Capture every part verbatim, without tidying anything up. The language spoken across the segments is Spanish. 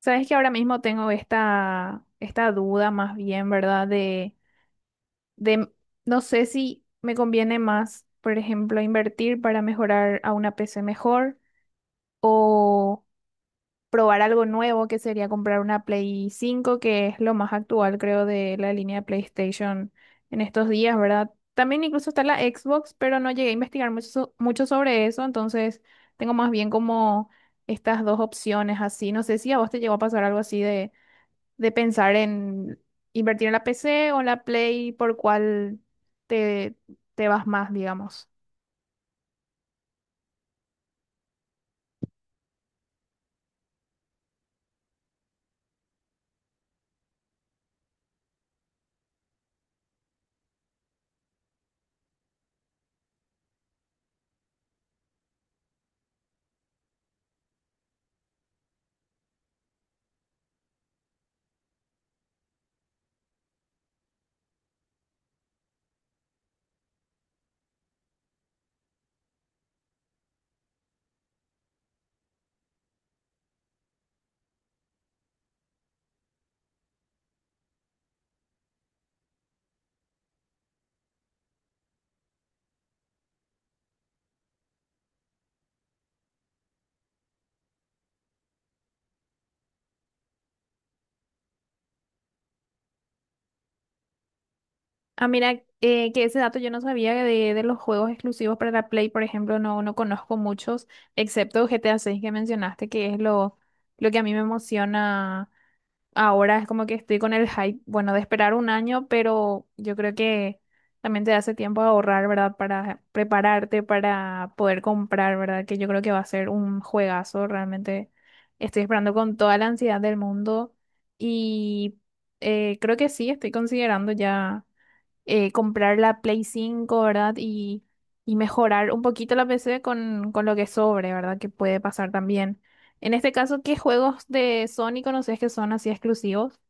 Sabes que ahora mismo tengo esta, esta duda más bien, ¿verdad? De, de, no sé si me conviene más, por ejemplo, invertir para mejorar a una P C mejor o probar algo nuevo, que sería comprar una Play cinco que es lo más actual, creo, de la línea de PlayStation en estos días, ¿verdad? También incluso está la Xbox, pero no llegué a investigar mucho, so- mucho sobre eso. Entonces tengo más bien como estas dos opciones así. No sé si a vos te llegó a pasar algo así, de pensar en invertir en la P C o en la Play, por cuál te, te vas más, digamos. Ah, mira, eh, que ese dato yo no sabía, de, de, los juegos exclusivos para la Play, por ejemplo. No, no conozco muchos, excepto G T A seis que mencionaste, que es lo, lo que a mí me emociona. Ahora es como que estoy con el hype, bueno, de esperar un año, pero yo creo que también te hace tiempo a ahorrar, ¿verdad? Para prepararte, para poder comprar, ¿verdad? Que yo creo que va a ser un juegazo. Realmente estoy esperando con toda la ansiedad del mundo y eh, creo que sí, estoy considerando ya eh, comprar la Play cinco, ¿verdad? Y, y mejorar un poquito la P C con, con lo que sobre, ¿verdad? Que puede pasar también. En este caso, ¿qué juegos de Sony conoces que son así exclusivos?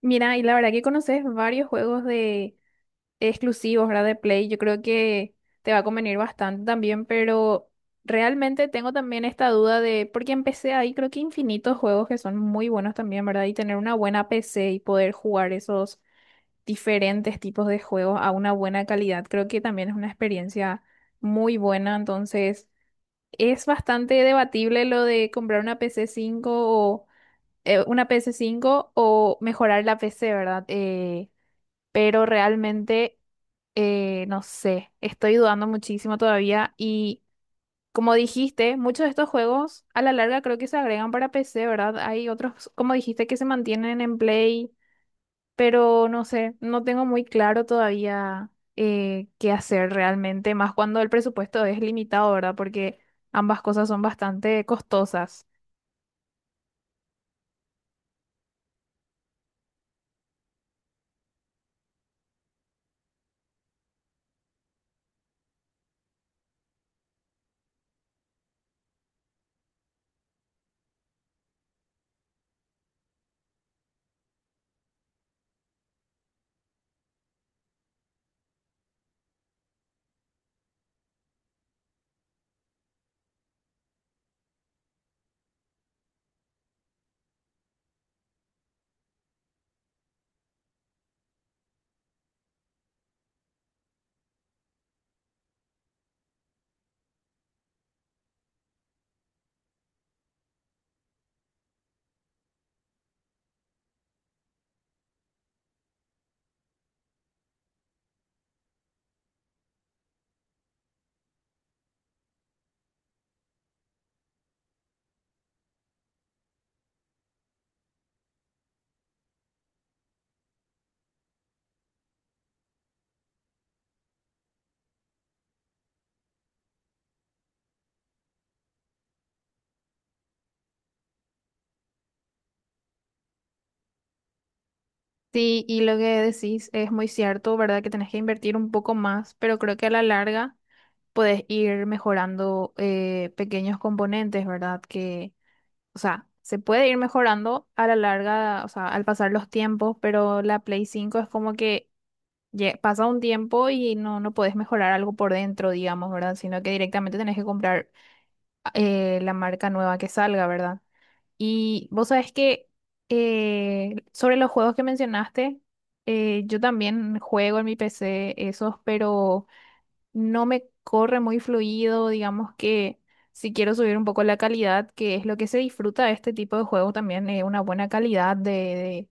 Mira, y la verdad que conoces varios juegos de exclusivos, ¿verdad? De Play. Yo creo que te va a convenir bastante también, pero realmente tengo también esta duda de, porque empecé ahí, creo que infinitos juegos que son muy buenos también, ¿verdad? Y tener una buena P C y poder jugar esos diferentes tipos de juegos a una buena calidad. Creo que también es una experiencia muy buena. Entonces, es bastante debatible lo de comprar una P C cinco o eh, una P C cinco o mejorar la P C, ¿verdad? Eh, pero realmente, eh, no sé, estoy dudando muchísimo todavía y. Como dijiste, muchos de estos juegos a la larga creo que se agregan para P C, ¿verdad? Hay otros, como dijiste, que se mantienen en Play, pero no sé, no tengo muy claro todavía eh, qué hacer realmente, más cuando el presupuesto es limitado, ¿verdad? Porque ambas cosas son bastante costosas. Sí, y lo que decís es muy cierto, ¿verdad? Que tenés que invertir un poco más, pero creo que a la larga puedes ir mejorando eh, pequeños componentes, ¿verdad? Que, o sea, se puede ir mejorando a la larga, o sea, al pasar los tiempos, pero la Play cinco es como que Ye- pasa un tiempo y no, no podés mejorar algo por dentro, digamos, ¿verdad? Sino que directamente tenés que comprar eh, la marca nueva que salga, ¿verdad? Y vos sabés que, eh, sobre los juegos que mencionaste, eh, yo también juego en mi P C esos, pero no me corre muy fluido. Digamos que si quiero subir un poco la calidad, que es lo que se disfruta de este tipo de juegos también, eh, una buena calidad de,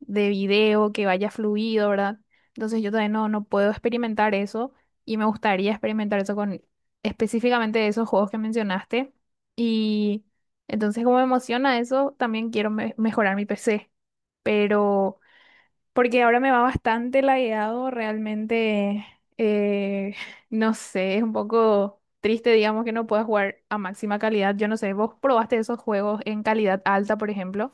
de video, que vaya fluido, ¿verdad? Entonces yo todavía no, no puedo experimentar eso, y me gustaría experimentar eso con específicamente esos juegos que mencionaste. Y entonces, como me emociona eso, también quiero me- mejorar mi P C, pero porque ahora me va bastante lagueado, realmente, eh, no sé, es un poco triste, digamos, que no pueda jugar a máxima calidad. Yo no sé, ¿vos probaste esos juegos en calidad alta, por ejemplo?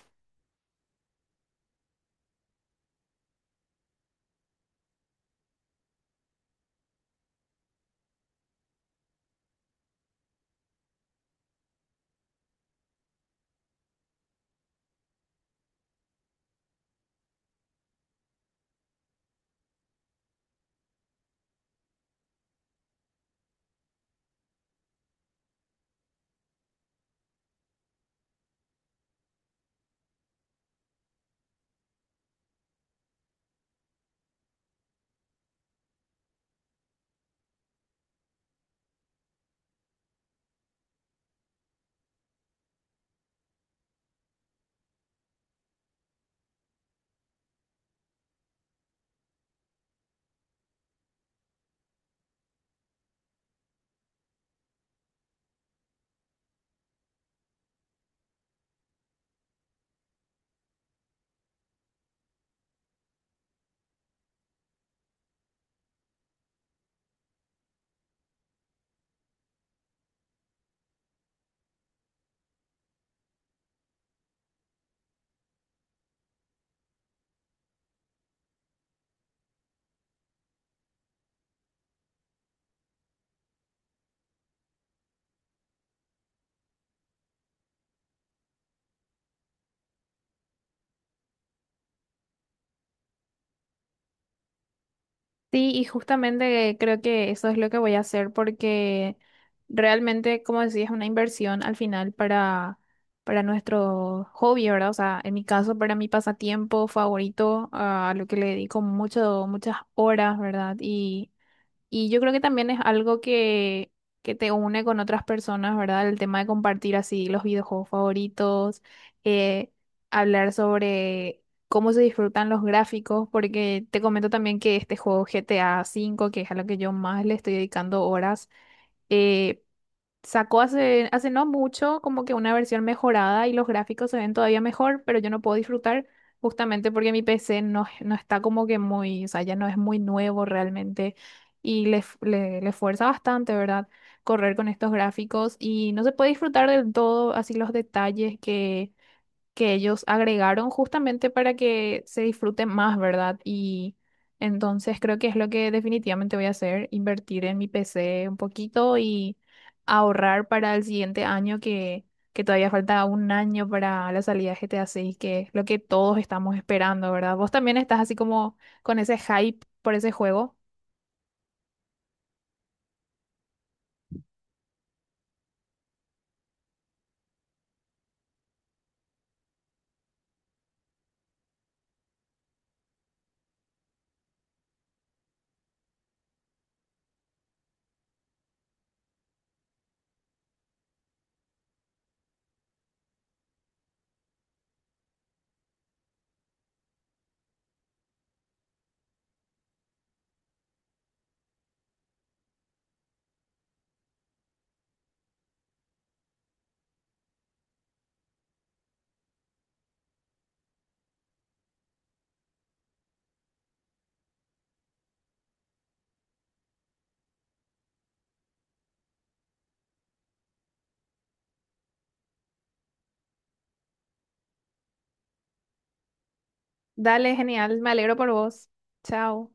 Sí, y justamente creo que eso es lo que voy a hacer, porque realmente, como decía, es una inversión al final para, para nuestro hobby, ¿verdad? O sea, en mi caso, para mi pasatiempo favorito, ah, a lo que le dedico mucho, muchas horas, ¿verdad? Y y yo creo que también es algo que, que te une con otras personas, ¿verdad? El tema de compartir así los videojuegos favoritos, eh, hablar sobre cómo se disfrutan los gráficos, porque te comento también que este juego G T A V, que es a lo que yo más le estoy dedicando horas, eh, sacó hace, hace no mucho como que una versión mejorada, y los gráficos se ven todavía mejor, pero yo no puedo disfrutar justamente porque mi P C no, no está como que muy, o sea, ya no es muy nuevo realmente, y le, f- le, le fuerza bastante, ¿verdad? Correr con estos gráficos, y no se puede disfrutar del todo así los detalles que que ellos agregaron justamente para que se disfrute más, ¿verdad? Y entonces creo que es lo que definitivamente voy a hacer: invertir en mi P C un poquito y ahorrar para el siguiente año, que, que todavía falta un año para la salida de G T A seis, que es lo que todos estamos esperando, ¿verdad? Vos también estás así como con ese hype por ese juego. Dale, genial, me alegro por vos. Chao.